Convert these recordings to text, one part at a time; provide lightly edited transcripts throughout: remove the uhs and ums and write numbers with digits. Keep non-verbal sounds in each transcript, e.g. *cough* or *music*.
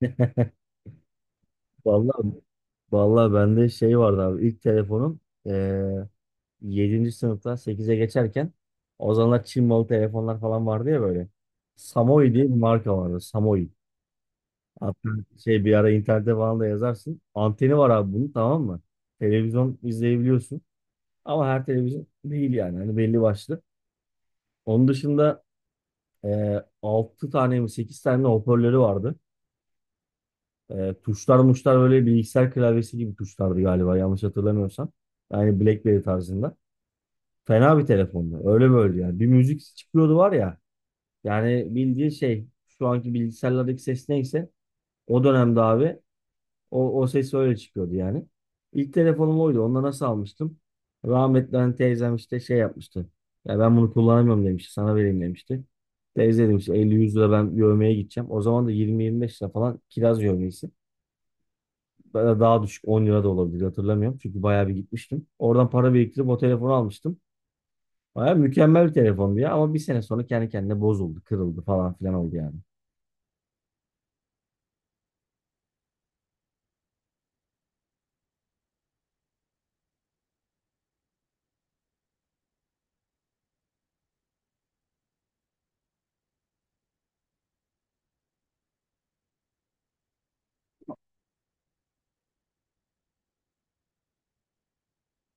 *laughs* Vallahi vallahi bende şey vardı abi. İlk telefonum eee 7. sınıftan 8'e geçerken o zamanlar Çin malı telefonlar falan vardı ya böyle. Samoi diye bir marka vardı. Samoi. Hatta şey bir ara internette falan da yazarsın. Anteni var abi bunun, tamam mı? Televizyon izleyebiliyorsun. Ama her televizyon değil yani. Hani belli başlı. Onun dışında 6 tane mi 8 tane hoparlörü vardı. E, tuşlar muşlar öyle bilgisayar klavyesi gibi tuşlardı galiba, yanlış hatırlamıyorsam. Yani BlackBerry tarzında. Fena bir telefondu. Öyle böyle yani. Bir müzik çıkıyordu var ya. Yani bildiği şey şu anki bilgisayarlardaki ses neyse o dönemde abi o ses öyle çıkıyordu yani. İlk telefonum oydu. Onu da nasıl almıştım? Rahmetli hani teyzem işte şey yapmıştı. Ya ben bunu kullanamıyorum demişti. Sana vereyim demişti. Teyze demiş 50-100 lira ben yövmeye gideceğim. O zaman da 20-25 lira falan kiraz yövmesi. Daha düşük 10 lira da olabilir, hatırlamıyorum. Çünkü bayağı bir gitmiştim. Oradan para biriktirip o telefonu almıştım. Bayağı mükemmel bir telefondu ya, ama bir sene sonra kendi kendine bozuldu, kırıldı falan filan oldu yani.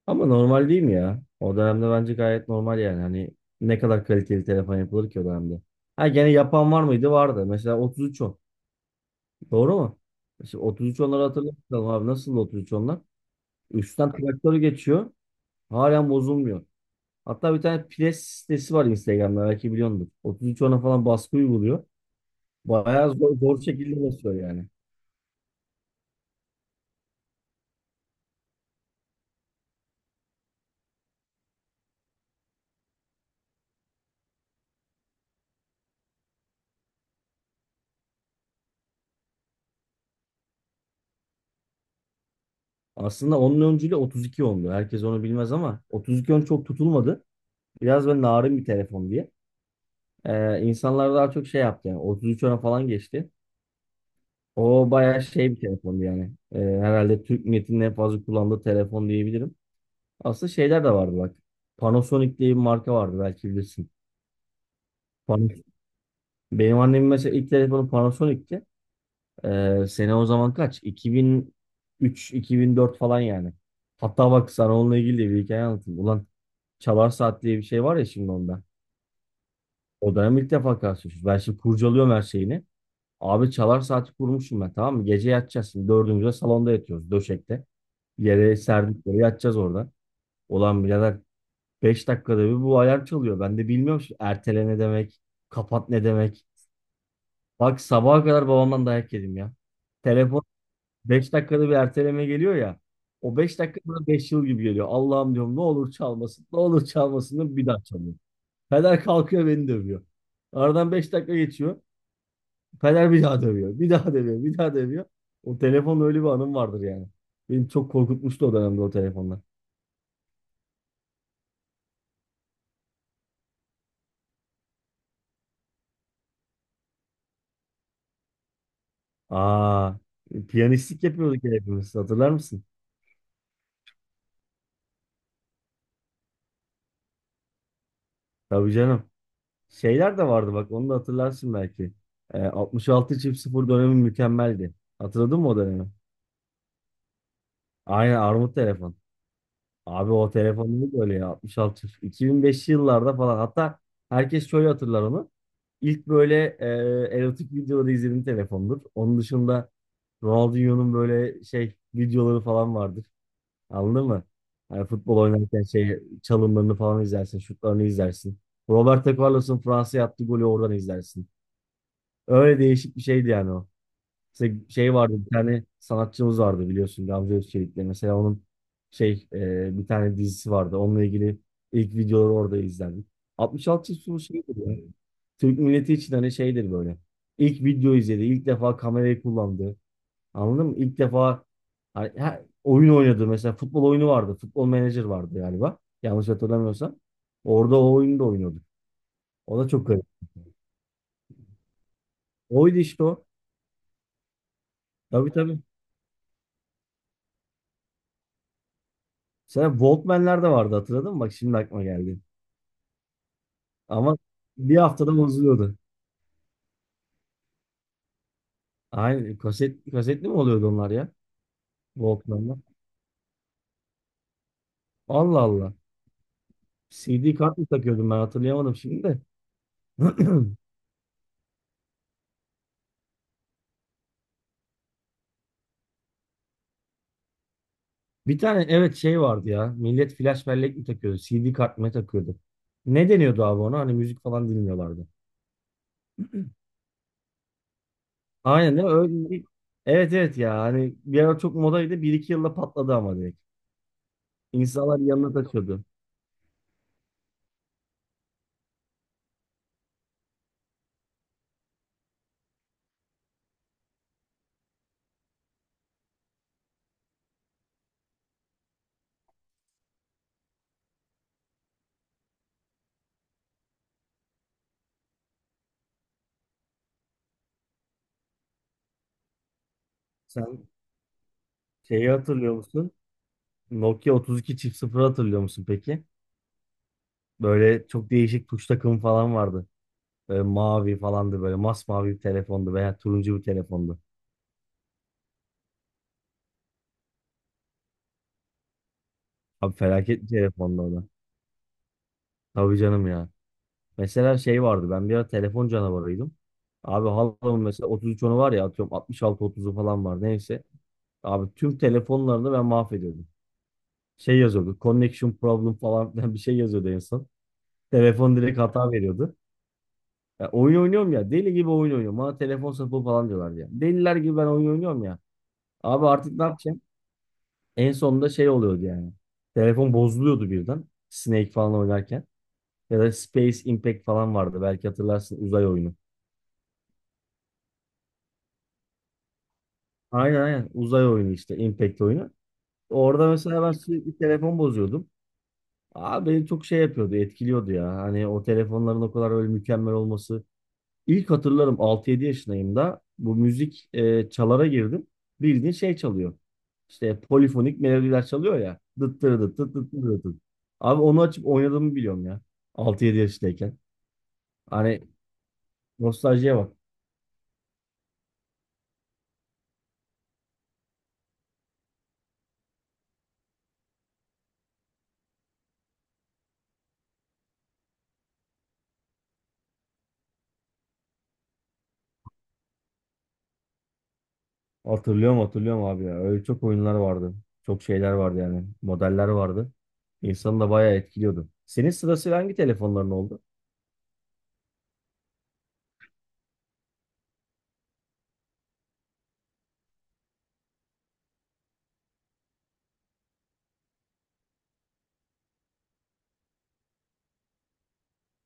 Ama normal değil mi ya? O dönemde bence gayet normal yani. Hani ne kadar kaliteli telefon yapılır ki o dönemde. Ha, gene yapan var mıydı? Vardı. Mesela 3310. Doğru mu? Mesela otuz üç onları hatırlatalım abi. Nasıl otuz üç onlar, üstten traktörü geçiyor. Halen bozulmuyor. Hatta bir tane pres sitesi var Instagram'da, belki biliyorsunuz. 33 ona falan baskı uyguluyor. Bayağı zor, zor şekilde basıyor yani. Aslında onun öncülüğü 32 ondu. Herkes onu bilmez ama 32 on çok tutulmadı. Biraz böyle narin bir telefon diye. İnsanlar daha çok şey yaptı yani. 33 ona falan geçti. O bayağı şey bir telefondu yani. Herhalde Türk milletinin en fazla kullandığı telefon diyebilirim. Aslında şeyler de vardı bak. Panasonic diye bir marka vardı, belki bilirsin. Panasonic. Benim annemin mesela ilk telefonu Panasonic'ti. Sene o zaman kaç? 2003-2004 falan yani. Hatta bak, sana onunla ilgili de bir hikaye anlatayım. Ulan, Çalar Saat diye bir şey var ya şimdi onda. O dönem ilk defa karşılaşıyoruz. Ben şimdi kurcalıyorum her şeyini. Abi Çalar Saati kurmuşum ben, tamam mı? Gece yatacağız şimdi. Dördümüzde salonda yatıyoruz döşekte. Yere serdik böyle, yatacağız orada. Ulan birader, 5 dakikada bir bu alarm çalıyor. Ben de bilmiyorum şimdi, ertele ne demek, kapat ne demek. Bak, sabaha kadar babamdan dayak yedim ya. Telefon 5 dakikada bir erteleme geliyor ya. O 5 dakika bana 5 yıl gibi geliyor. Allah'ım, diyorum, ne olur çalmasın. Ne olur çalmasın diyorum, bir daha çalıyor. Peder kalkıyor, beni dövüyor. Aradan 5 dakika geçiyor. Peder bir daha dövüyor. Bir daha dövüyor. Bir daha dövüyor. O telefonla öyle bir anım vardır yani. Benim çok korkutmuştu o dönemde o telefonlar. Aa, piyanistlik yapıyorduk ya hepimiz. Hatırlar mısın? Tabii canım. Şeyler de vardı bak, onu da hatırlarsın belki. 66 çift sıfır dönemi mükemmeldi. Hatırladın mı o dönemi? Aynen, armut telefon. Abi o telefon neydi öyle ya, 66 2005'li yıllarda falan, hatta herkes şöyle hatırlar onu. İlk böyle erotik videoları izlediğim telefondur. Onun dışında Ronaldinho'nun böyle şey videoları falan vardır. Anladın mı? Hani futbol oynarken şey çalımlarını falan izlersin, şutlarını izlersin. Roberto Carlos'un Fransa'ya attığı golü oradan izlersin. Öyle değişik bir şeydi yani o. İşte şey vardı, bir tane sanatçımız vardı biliyorsun, Gamze Özçelik'le. Mesela onun şey bir tane dizisi vardı. Onunla ilgili ilk videoları orada izlendik. 66 çift sulu şeydir ya. Türk milleti için hani şeydir böyle. İlk video izledi. İlk defa kamerayı kullandı. Anladın mı? İlk defa hani, oyun oynadı. Mesela futbol oyunu vardı. Futbol manager vardı galiba. Yanlış hatırlamıyorsam. Orada o oyunu da oynuyordu. O da çok garip. Oydu işte o. Tabii, tabii. Sen Walkman'ler de vardı, hatırladın mı? Bak şimdi aklıma geldi. Ama bir haftada bozuluyordu. Aynen, kasetli mi oluyordu onlar ya? Walkman'la. Allah Allah. CD kart mı takıyordum ben, hatırlayamadım şimdi de. *clears throat* Bir tane evet, şey vardı ya. Millet flash bellek mi takıyordu? CD kart mı takıyordu? Ne deniyordu abi ona? Hani müzik falan dinliyorlardı. Aynen değil mi? Evet, evet ya. Hani bir ara çok modaydı. Bir iki yılda patladı ama, direkt. İnsanlar yanına takıyordu. Sen şeyi hatırlıyor musun? Nokia 32 çift sıfır, hatırlıyor musun peki? Böyle çok değişik tuş takımı falan vardı. Böyle mavi falandı, böyle masmavi bir telefondu veya turuncu bir telefondu. Abi felaket bir telefondu o da. Tabii canım ya. Mesela şey vardı, ben bir ara telefon canavarıydım. Abi halamın mesela 33 onu var ya, atıyorum altmış altı otuzu falan var, neyse. Abi tüm telefonlarını ben mahvediyordum. Şey yazıyordu, connection problem falan filan bir şey yazıyordu en son. Telefon direkt hata veriyordu. Ya oyun oynuyorum, ya deli gibi oyun oynuyorum. Bana telefon sapı falan diyorlar ya. Deliler gibi ben oyun oynuyorum ya. Abi artık ne yapacağım? En sonunda şey oluyordu yani. Telefon bozuluyordu birden. Snake falan oynarken. Ya da Space Impact falan vardı. Belki hatırlarsın, uzay oyunu. Aynen, aynen, uzay oyunu işte, Impact oyunu. Orada mesela ben sürekli telefon bozuyordum. Abi beni çok şey yapıyordu, etkiliyordu ya. Hani o telefonların o kadar öyle mükemmel olması. İlk hatırlarım, 6-7 yaşındayım da bu müzik çalara girdim. Bildiğin şey çalıyor. İşte polifonik melodiler çalıyor ya. Dıt dırı dıt dıt dıt dırı dıt. Abi onu açıp oynadığımı biliyorum ya. 6-7 yaşındayken. Hani nostaljiye bak. Hatırlıyorum, hatırlıyorum abi ya. Öyle çok oyunlar vardı. Çok şeyler vardı yani. Modeller vardı. İnsanı da bayağı etkiliyordu. Senin sırasıyla hangi telefonların oldu?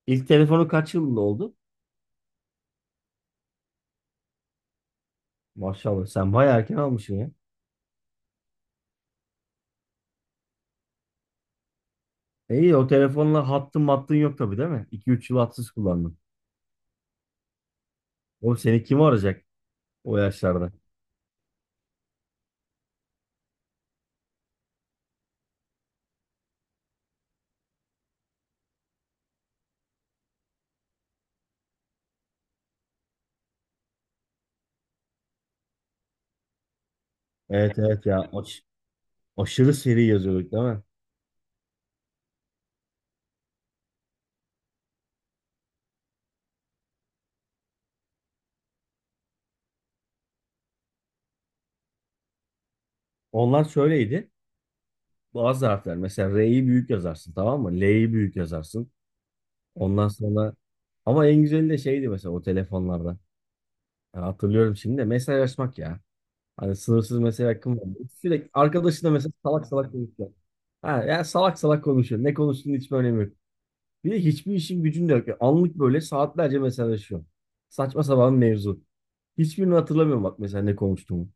İlk telefonu kaç yılında oldu? Maşallah sen bayağı erken almışsın ya. E, İyi o telefonla hattın mattın yok tabii değil mi? 2 üç yıl hatsız kullandın. Oğlum seni kim arayacak o yaşlarda? Evet, evet ya, aşırı seri yazıyorduk değil mi? Onlar şöyleydi. Bazı harfler mesela R'yi büyük yazarsın, tamam mı? L'yi büyük yazarsın. Ondan sonra, ama en güzeli de şeydi mesela o telefonlarda. Ya hatırlıyorum şimdi de mesajlaşmak ya. Hani sınırsız mesaj hakkım var. Sürekli arkadaşına mesela salak salak konuşuyor. Ha, ya salak salak konuşuyor. Ne konuştuğunun hiçbir önemi yok. Bir de hiçbir işin gücün de yok. Yani anlık böyle saatlerce mesajlaşıyor. Saçma sapan mevzu. Hiçbirini hatırlamıyorum bak, mesela ne konuştuğumu.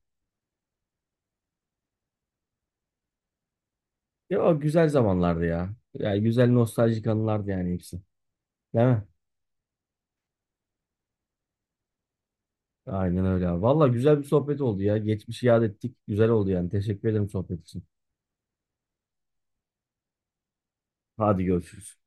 Ya, o güzel zamanlardı ya. Yani güzel nostaljik anılardı yani hepsi. Değil mi? Aynen öyle abi. Valla güzel bir sohbet oldu ya. Geçmişi yad ettik. Güzel oldu yani. Teşekkür ederim sohbet için. Hadi görüşürüz.